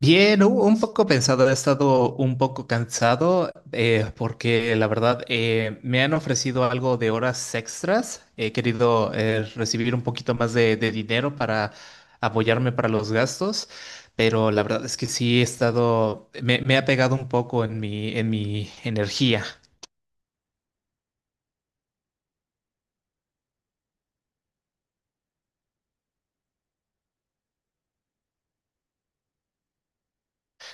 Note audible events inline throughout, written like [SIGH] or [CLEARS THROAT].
Bien, un poco pensado, he estado un poco cansado porque la verdad me han ofrecido algo de horas extras. He querido recibir un poquito más de dinero para apoyarme para los gastos, pero la verdad es que sí he estado, me ha pegado un poco en mi energía.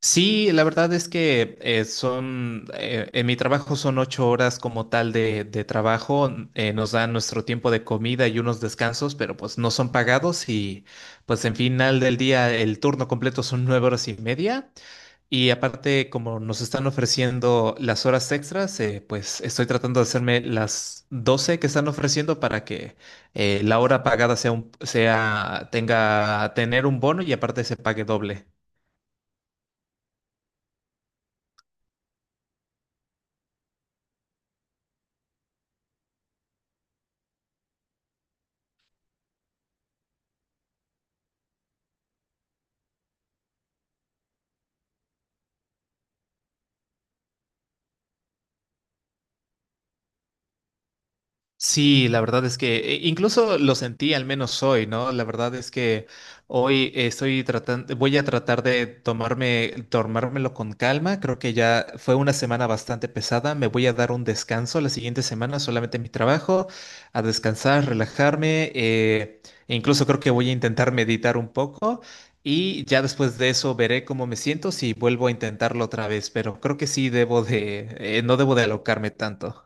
Sí, la verdad es que en mi trabajo son 8 horas como tal de trabajo, nos dan nuestro tiempo de comida y unos descansos, pero pues no son pagados y pues en final del día el turno completo son 9 horas y media y aparte como nos están ofreciendo las horas extras, pues estoy tratando de hacerme las 12 que están ofreciendo para que la hora pagada sea tener un bono y aparte se pague doble. Sí, la verdad es que incluso lo sentí al menos hoy, ¿no? La verdad es que hoy voy a tratar de tomármelo con calma. Creo que ya fue una semana bastante pesada. Me voy a dar un descanso la siguiente semana, solamente mi trabajo, a descansar, relajarme. E incluso creo que voy a intentar meditar un poco y ya después de eso veré cómo me siento si vuelvo a intentarlo otra vez. Pero creo que sí debo de, no debo de alocarme tanto.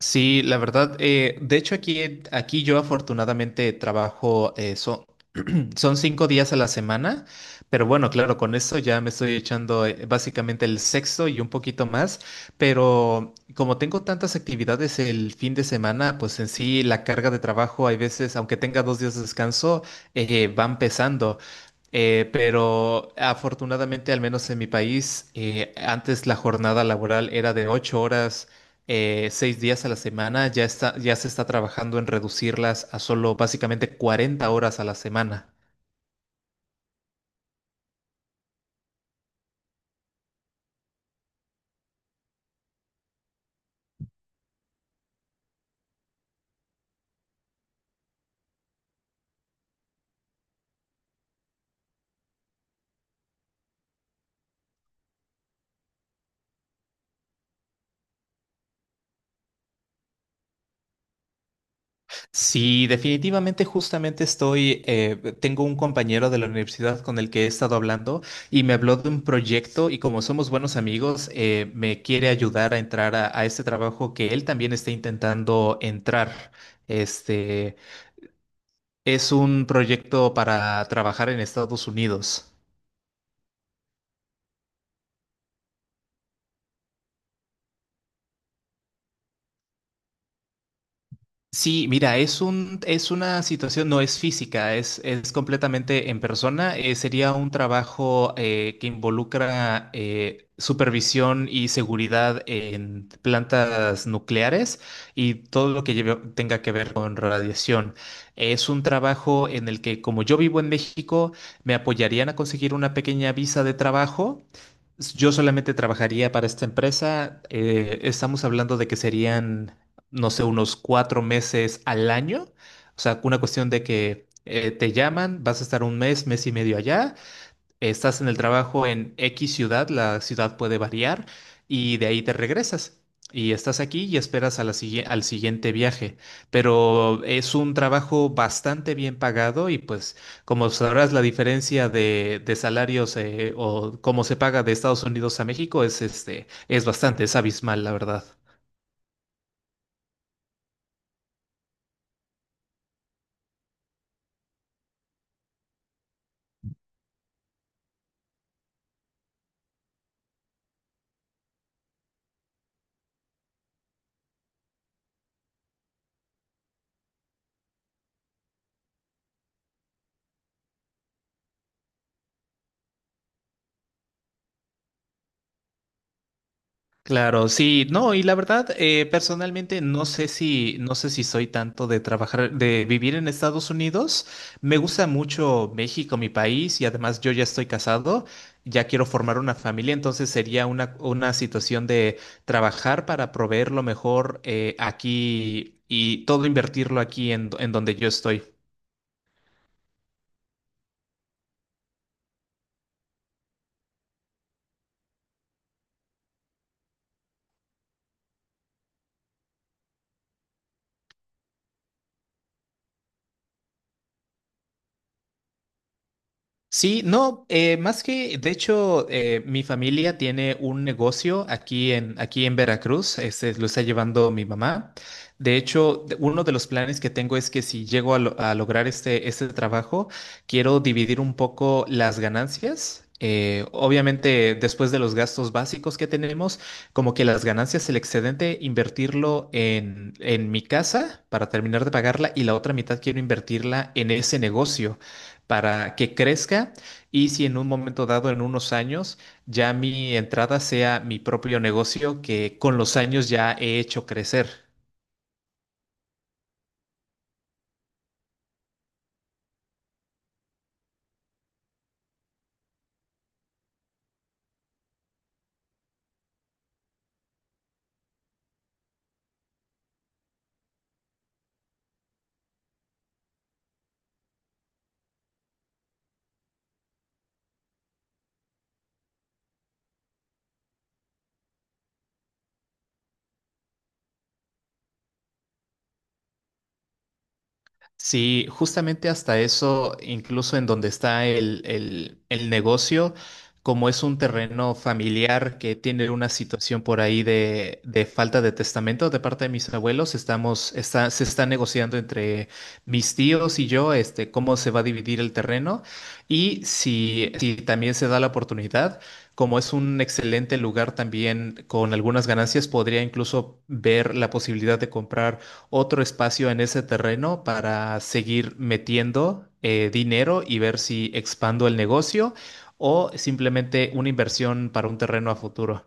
Sí, la verdad, de hecho aquí yo afortunadamente trabajo eso. [CLEARS THROAT] Son 5 días a la semana, pero bueno, claro, con eso ya me estoy echando básicamente el sexto y un poquito más, pero como tengo tantas actividades el fin de semana, pues en sí la carga de trabajo hay veces, aunque tenga 2 días de descanso, van pesando. Pero afortunadamente, al menos en mi país, antes la jornada laboral era de 8 horas, 6 días a la semana, ya está, ya se está trabajando en reducirlas a solo básicamente 40 horas a la semana. Sí, definitivamente, justamente tengo un compañero de la universidad con el que he estado hablando y me habló de un proyecto y como somos buenos amigos, me quiere ayudar a entrar a este trabajo que él también está intentando entrar. Este es un proyecto para trabajar en Estados Unidos. Sí, mira, es una situación, no es física, es completamente en persona. Sería un trabajo que involucra supervisión y seguridad en plantas nucleares y todo lo que tenga que ver con radiación. Es un trabajo en el que, como yo vivo en México, me apoyarían a conseguir una pequeña visa de trabajo. Yo solamente trabajaría para esta empresa. Estamos hablando de que serían no sé, unos 4 meses al año. O sea, una cuestión de que te llaman, vas a estar un mes, mes y medio allá, estás en el trabajo en X ciudad, la ciudad puede variar, y de ahí te regresas. Y estás aquí y esperas a la al siguiente viaje. Pero es un trabajo bastante bien pagado y pues como sabrás la diferencia de salarios o cómo se paga de Estados Unidos a México es, este, es bastante, es abismal, la verdad. Claro, sí, no, y la verdad, personalmente no sé si soy tanto de trabajar, de vivir en Estados Unidos. Me gusta mucho México, mi país, y además yo ya estoy casado, ya quiero formar una familia, entonces sería una situación de trabajar para proveer lo mejor aquí y todo invertirlo aquí en donde yo estoy. Sí, no, de hecho, mi familia tiene un negocio aquí en Veracruz, este, lo está llevando mi mamá. De hecho, uno de los planes que tengo es que si llego a lograr este trabajo, quiero dividir un poco las ganancias. Obviamente, después de los gastos básicos que tenemos, como que las ganancias, el excedente, invertirlo en mi casa para terminar de pagarla y la otra mitad quiero invertirla en ese negocio para que crezca y si en un momento dado, en unos años, ya mi entrada sea mi propio negocio que con los años ya he hecho crecer. Sí, justamente hasta eso, incluso en donde está el negocio, como es un terreno familiar que tiene una situación por ahí de falta de testamento de parte de mis abuelos, se está negociando entre mis tíos y yo, este, cómo se va a dividir el terreno y si también se da la oportunidad. Como es un excelente lugar también con algunas ganancias, podría incluso ver la posibilidad de comprar otro espacio en ese terreno para seguir metiendo dinero y ver si expando el negocio o simplemente una inversión para un terreno a futuro.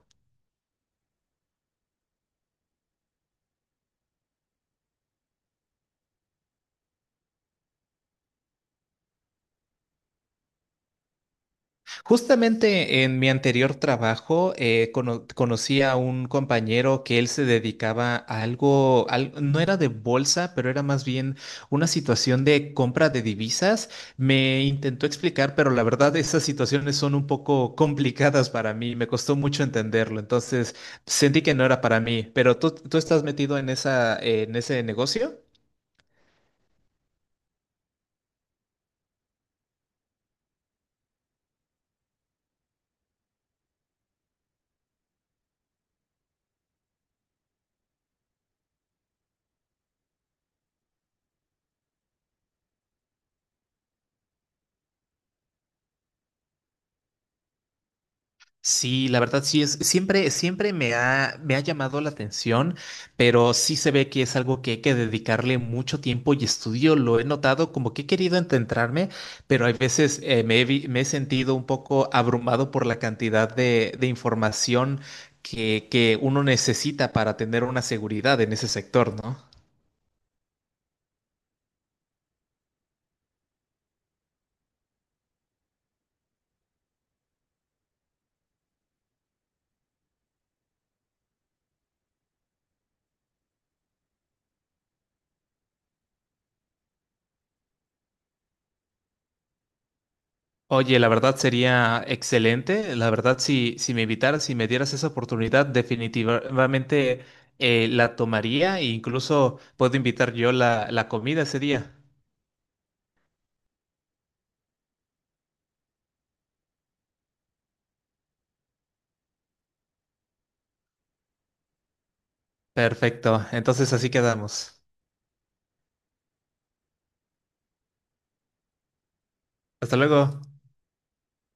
Justamente en mi anterior trabajo conocí a un compañero que él se dedicaba a algo, no era de bolsa, pero era más bien una situación de compra de divisas. Me intentó explicar, pero la verdad esas situaciones son un poco complicadas para mí, me costó mucho entenderlo, entonces sentí que no era para mí. ¿Pero tú estás metido en ese negocio? Sí, la verdad sí siempre me ha llamado la atención, pero sí se ve que es algo que hay que dedicarle mucho tiempo y estudio. Lo he notado como que he querido ententrarme, pero hay veces me he sentido un poco abrumado por la cantidad de información que uno necesita para tener una seguridad en ese sector, ¿no? Oye, la verdad sería excelente. La verdad, si me invitaras, si me dieras esa oportunidad, definitivamente la tomaría e incluso puedo invitar yo la comida ese día. Perfecto. Entonces así quedamos. Hasta luego.